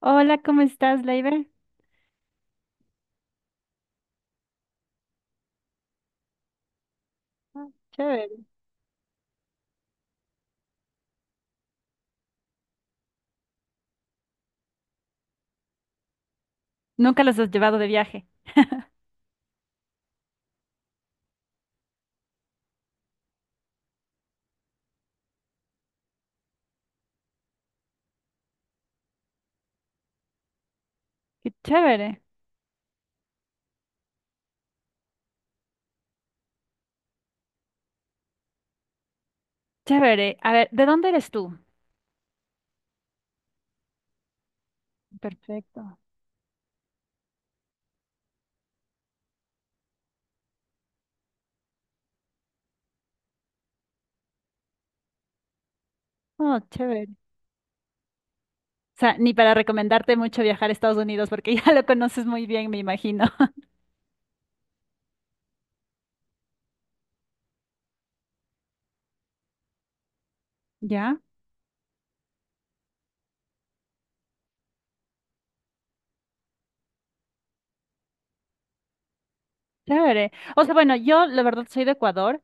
Hola, ¿cómo estás, Leiber? Chévere. Nunca los has llevado de viaje. Qué chévere, chévere. A ver, ¿de dónde eres tú? Perfecto. Oh, chévere. O sea, ni para recomendarte mucho viajar a Estados Unidos porque ya lo conoces muy bien, me imagino. ¿Ya? Chévere. O sea, bueno, yo la verdad soy de Ecuador.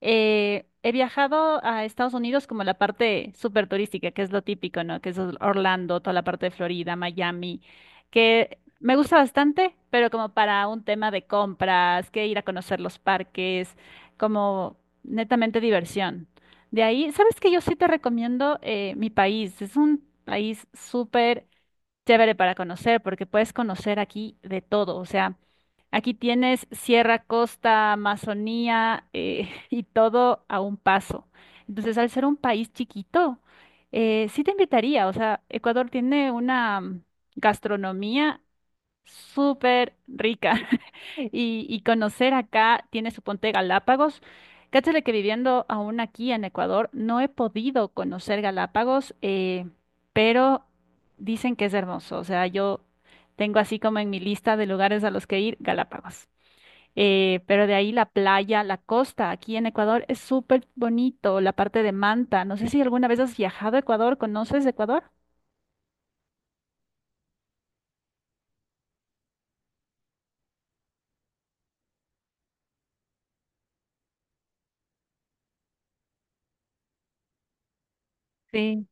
He viajado a Estados Unidos como la parte súper turística, que es lo típico, ¿no? Que es Orlando, toda la parte de Florida, Miami, que me gusta bastante, pero como para un tema de compras, que ir a conocer los parques, como netamente diversión. De ahí, ¿sabes qué? Yo sí te recomiendo mi país. Es un país súper chévere para conocer, porque puedes conocer aquí de todo. O sea, aquí tienes Sierra, Costa, Amazonía y todo a un paso. Entonces, al ser un país chiquito, sí te invitaría. O sea, Ecuador tiene una gastronomía súper rica. Y conocer acá, tiene su ponte Galápagos. Cáchale que viviendo aún aquí en Ecuador, no he podido conocer Galápagos, pero dicen que es hermoso. O sea, yo tengo así como en mi lista de lugares a los que ir, Galápagos. Pero de ahí la playa, la costa, aquí en Ecuador es súper bonito, la parte de Manta. No sé si alguna vez has viajado a Ecuador, ¿conoces Ecuador? Sí.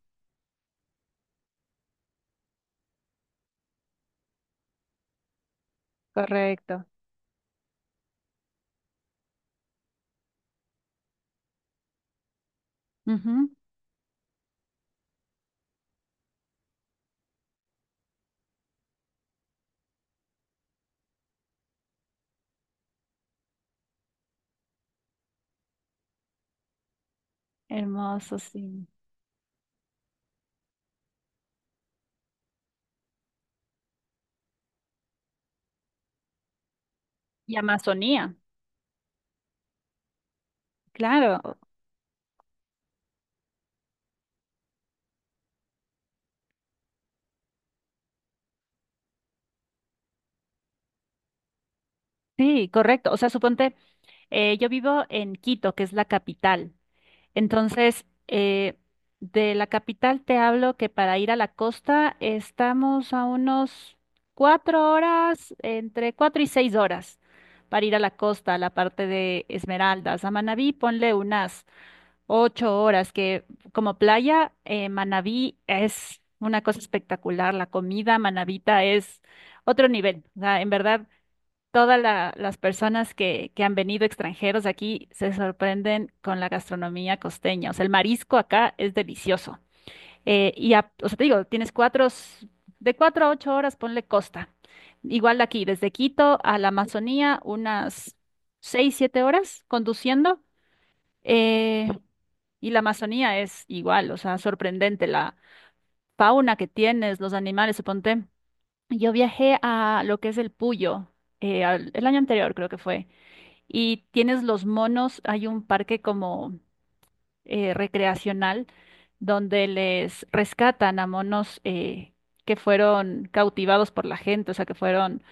Ujú. Hermoso, sí. Y Amazonía. Claro, sí, correcto. O sea, suponte, yo vivo en Quito, que es la capital. Entonces, de la capital te hablo que para ir a la costa estamos a unos 4 horas, entre 4 y 6 horas, para ir a la costa, a la parte de Esmeraldas. A Manabí ponle unas 8 horas, que como playa, Manabí es una cosa espectacular. La comida manabita es otro nivel. O sea, en verdad todas las personas que han venido extranjeros aquí se sorprenden con la gastronomía costeña. O sea, el marisco acá es delicioso. Y, o sea, te digo, tienes cuatro, de 4 a 8 horas, ponle costa. Igual de aquí, desde Quito a la Amazonía, unas 6, 7 horas conduciendo. Eh, y la Amazonía es igual, o sea, sorprendente la fauna que tienes, los animales, suponte. Yo viajé a lo que es el Puyo, el año anterior creo que fue y tienes los monos, hay un parque como recreacional donde les rescatan a monos que fueron cautivados por la gente, o sea, que fueron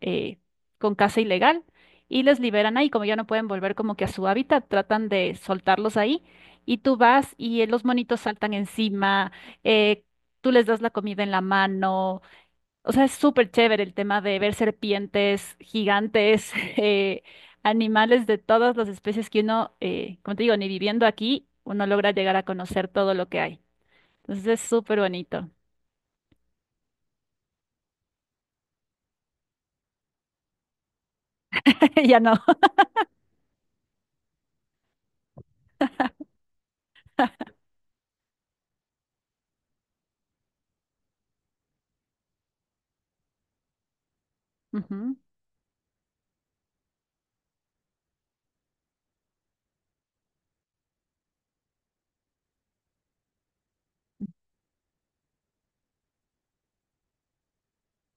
eh, con caza ilegal y les liberan ahí, como ya no pueden volver como que a su hábitat, tratan de soltarlos ahí y tú vas y los monitos saltan encima, eh, tú les das la comida en la mano o sea, es súper chévere el tema de ver serpientes gigantes, animales de todas las especies que uno, como te digo, ni viviendo aquí, uno logra llegar a conocer todo lo que hay. Entonces es súper bonito. Ya no.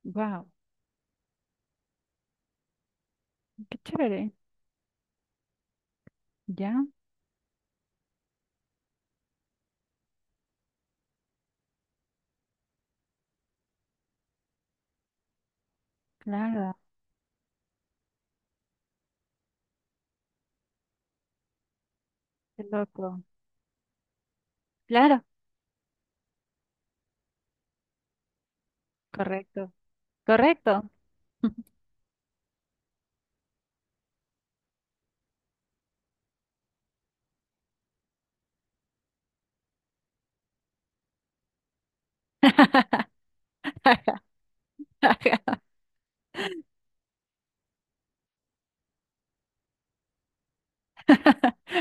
Wow, qué chévere. Ya, claro, qué loco. Claro, correcto, correcto.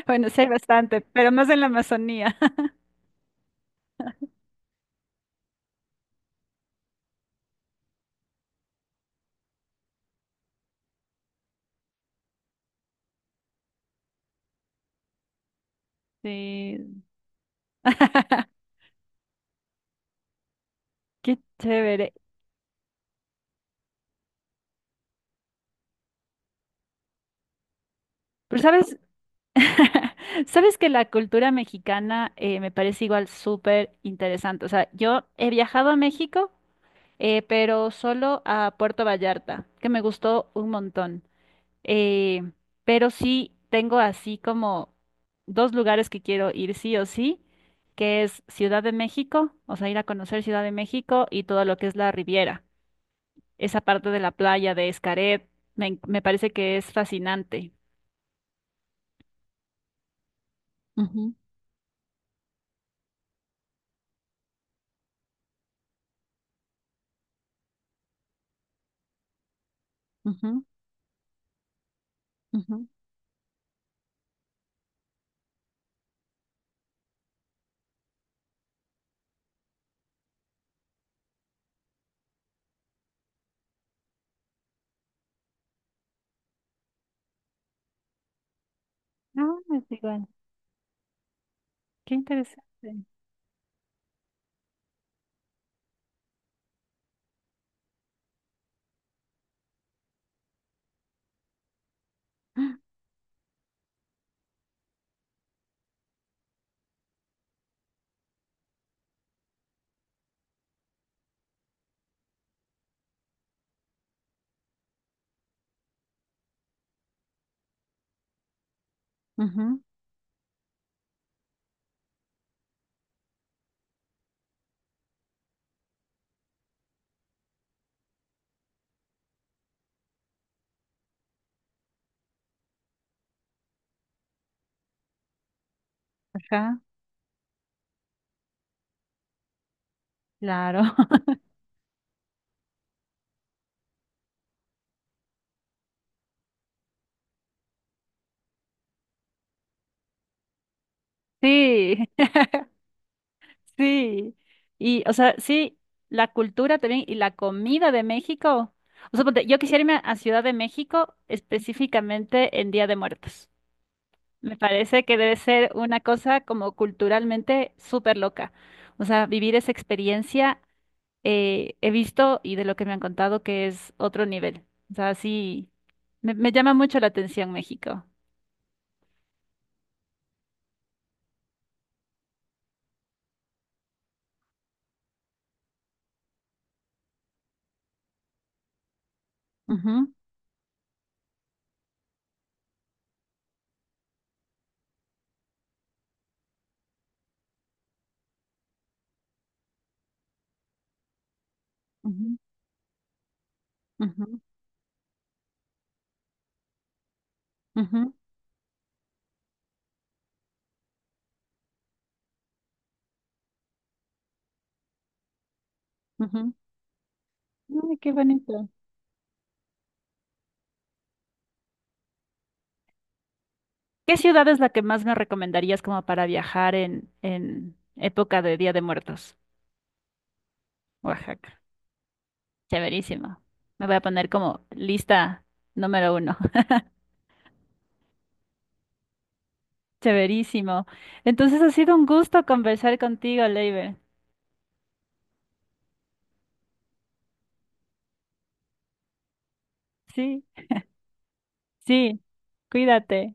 Bueno, sí hay bastante, pero más en la Amazonía. Sí. Qué chévere. Pero sabes, sabes que la cultura mexicana me parece igual súper interesante. O sea, yo he viajado a México, pero solo a Puerto Vallarta, que me gustó un montón. Eh, pero sí tengo así como dos lugares que quiero ir sí o sí, que es Ciudad de México, o sea, ir a conocer Ciudad de México y todo lo que es la Riviera. Esa parte de la playa de Xcaret, me parece que es fascinante. Ujú, ujú, ujú. No, es igual. Qué interesante. Ah, ujú, ajá, claro. Sí, sí. Y, o sea, sí, la cultura también y la comida de México. O sea, ponte, yo quisiera irme a Ciudad de México específicamente en Día de Muertos. Me parece que debe ser una cosa como culturalmente súper loca. O sea, vivir esa experiencia he visto y de lo que me han contado que es otro nivel. O sea, sí, me llama mucho la atención México. Ujú, ujú, ujú, ujú, ujú. Ay, qué bonito. ¿Qué ciudad es la que más me recomendarías como para viajar en, época de Día de Muertos? Oaxaca. Chéverísimo. Me voy a poner como lista n.º 1. Chéverísimo. Entonces ha sido un gusto conversar contigo, Leiber. Sí, sí. Cuídate.